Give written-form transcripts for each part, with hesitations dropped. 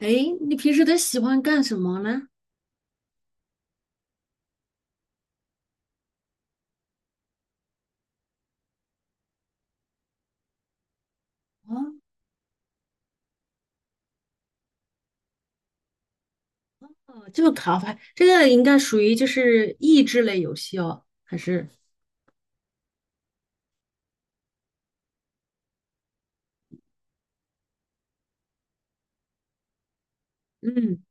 哎，你平时都喜欢干什么呢？哦，这个卡牌，这个应该属于就是益智类游戏哦，还是？嗯，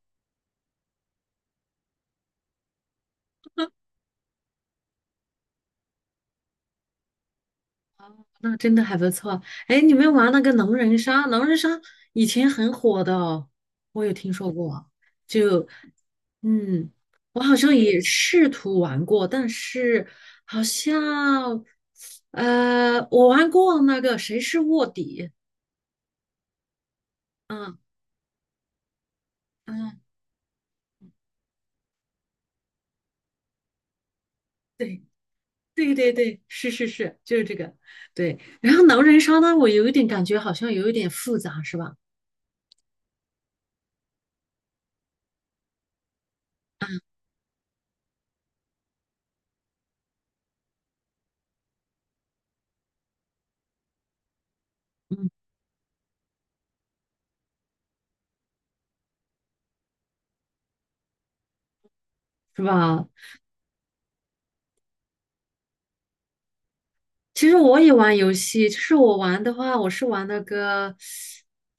那真的还不错。哎，你们玩那个狼人杀以前很火的哦，我有听说过。就，嗯，我好像也试图玩过，但是好像，我玩过那个谁是卧底，嗯嗯。对。对对对，是是是，就是这个，对。然后狼人杀呢，我有一点感觉好像有一点复杂，是吧？嗯，是吧？其实我也玩游戏，就是我玩的话，我是玩那个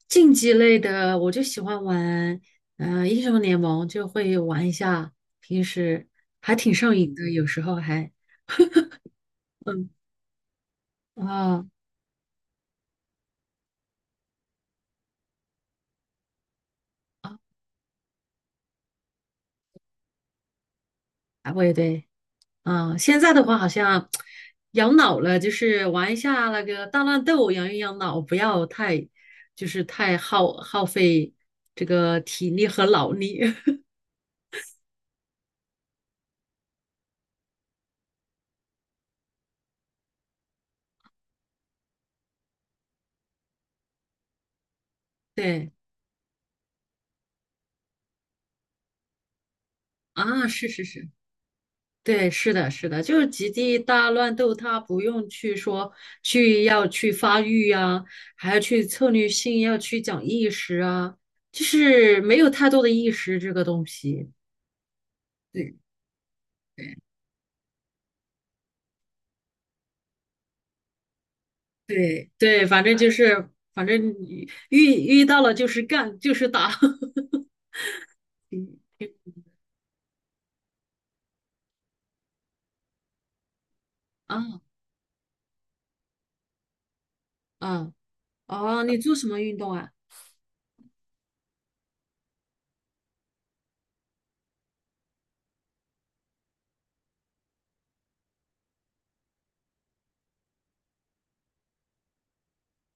竞技类的，我就喜欢玩，嗯，英雄联盟就会玩一下，平时还挺上瘾的，有时候还啊啊，我也对。嗯，现在的话好像养老了，就是玩一下那个大乱斗，养一养老，不要太就是太耗费这个体力和脑力。对啊，是是是，对，是的，是的，就是极地大乱斗，它不用去说去要去发育啊，还要去策略性，要去讲意识啊，就是没有太多的意识这个东西。对对对对，反正就是，反正你遇到了就是干，就是打。啊啊哦，你做什么运动啊？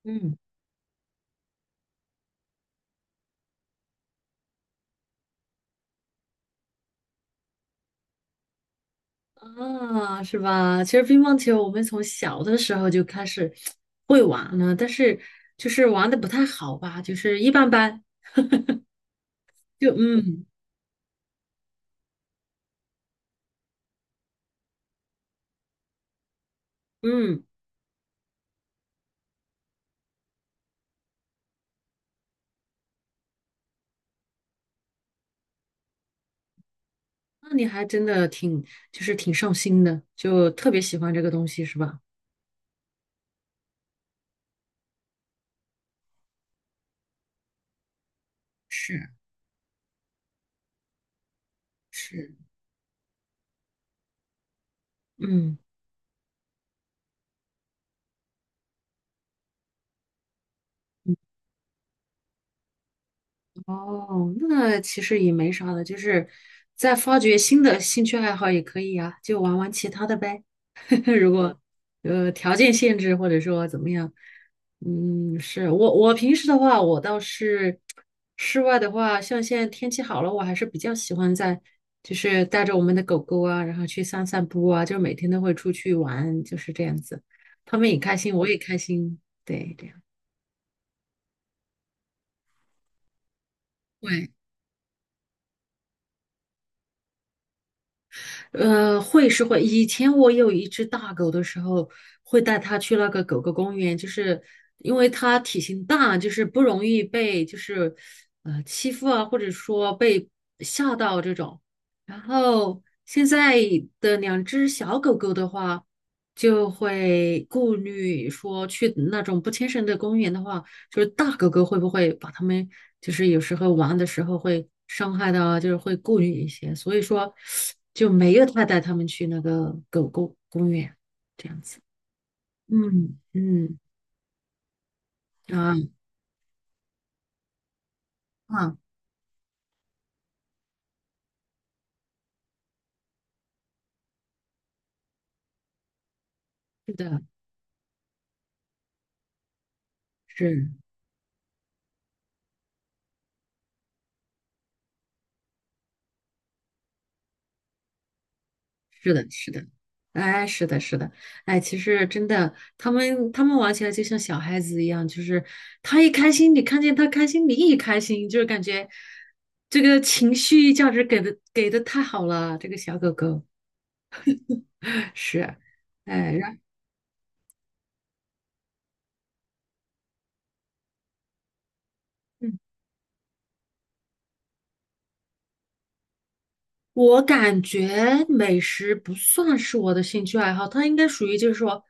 嗯，啊，是吧？其实乒乓球我们从小的时候就开始会玩了，但是就是玩的不太好吧，就是一般般。就嗯嗯，那你还真的挺就是挺上心的，就特别喜欢这个东西是吧？是是，嗯。哦，那其实也没啥的，就是再发掘新的兴趣爱好也可以呀、就玩玩其他的呗。如果条件限制或者说怎么样，嗯，是我平时的话，我倒是室外的话，像现在天气好了，我还是比较喜欢在就是带着我们的狗狗啊，然后去散散步啊，就每天都会出去玩，就是这样子，他们也开心，我也开心，对，这样。对会是会。以前我有一只大狗的时候，会带它去那个狗狗公园，就是因为它体型大，就是不容易被就是欺负啊，或者说被吓到这种。然后现在的两只小狗狗的话，就会顾虑说去那种不牵绳的公园的话。就是大狗狗会不会把它们，就是有时候玩的时候会伤害到啊，就是会顾虑一些，所以说就没有太带它们去那个狗狗公园这样子。嗯嗯啊啊，是的，是是的，是的，哎，是的，是的，哎，其实真的，他们玩起来就像小孩子一样，就是他一开心，你看见他开心，你也开心，就是感觉这个情绪价值给的太好了，这个小狗狗。是，哎，然嗯，我感觉美食不算是我的兴趣爱好，它应该属于就是说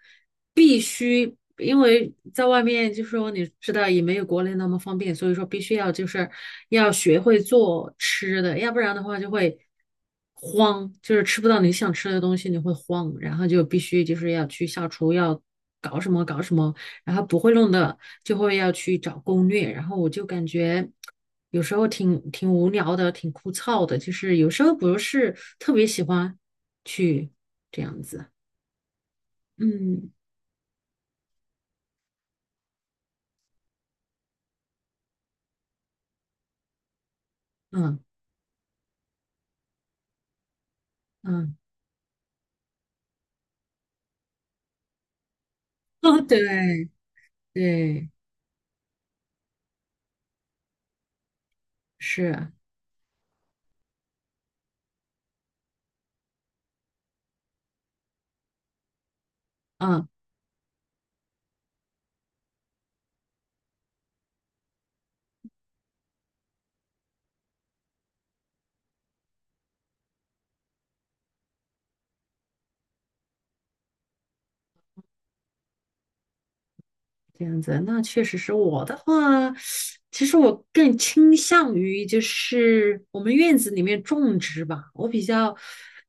必须，因为在外面就是说你知道也没有国内那么方便，所以说必须要就是要学会做吃的，要不然的话就会慌，就是吃不到你想吃的东西，你会慌，然后就必须就是要去下厨，要搞什么，然后不会弄的。就会要去找攻略，然后我就感觉有时候挺无聊的，挺枯燥的，就是有时候不是特别喜欢去这样子。嗯嗯嗯，哦，对对，是，嗯。这样子，那确实是我的话，其实我更倾向于就是我们院子里面种植吧，我比较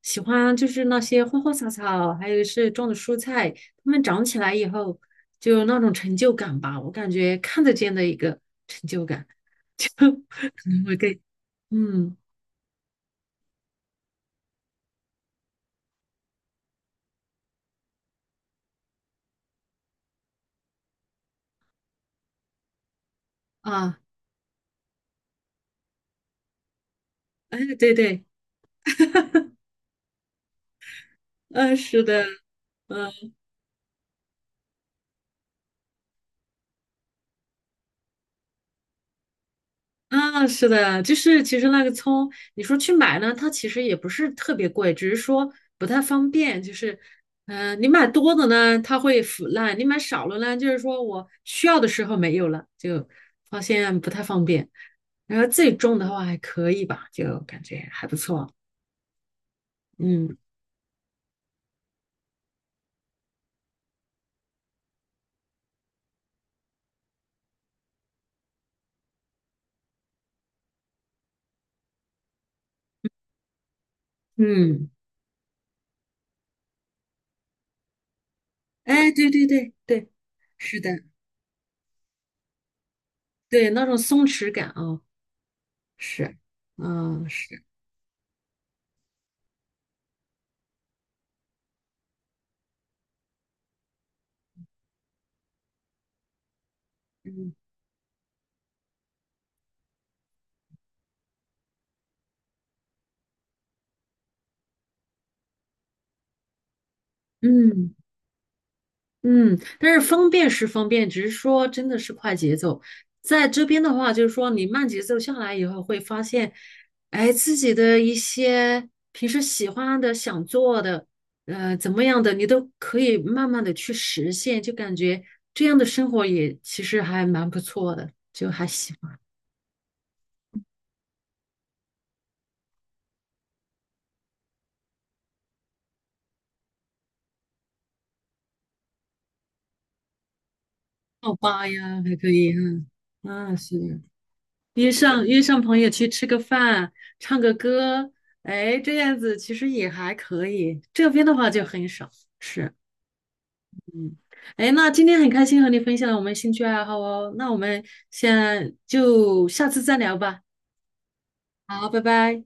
喜欢就是那些花花草草，还有是种的蔬菜，它们长起来以后就有那种成就感吧，我感觉看得见的一个成就感，可能会更嗯啊，哎，对对，嗯、是的，嗯、啊，是的，就是其实那个葱，你说去买呢，它其实也不是特别贵，只是说不太方便。就是，嗯、你买多的呢，它会腐烂；你买少了呢，就是说我需要的时候没有了，就发现不太方便。然后自己种的话还可以吧，就感觉还不错。嗯嗯，哎，对对对对，是的，对那种松弛感啊、是，嗯是，嗯嗯。嗯，但是方便是方便，只是说真的是快节奏。在这边的话，就是说你慢节奏下来以后，会发现，哎，自己的一些平时喜欢的、想做的，怎么样的，你都可以慢慢的去实现，就感觉这样的生活也其实还蛮不错的，就还喜欢泡吧呀，还可以，哈，那是的约上朋友去吃个饭，唱个歌，哎，这样子其实也还可以。这边的话就很少，是，嗯，哎，那今天很开心和你分享我们兴趣爱好哦，那我们先就下次再聊吧。好，拜拜。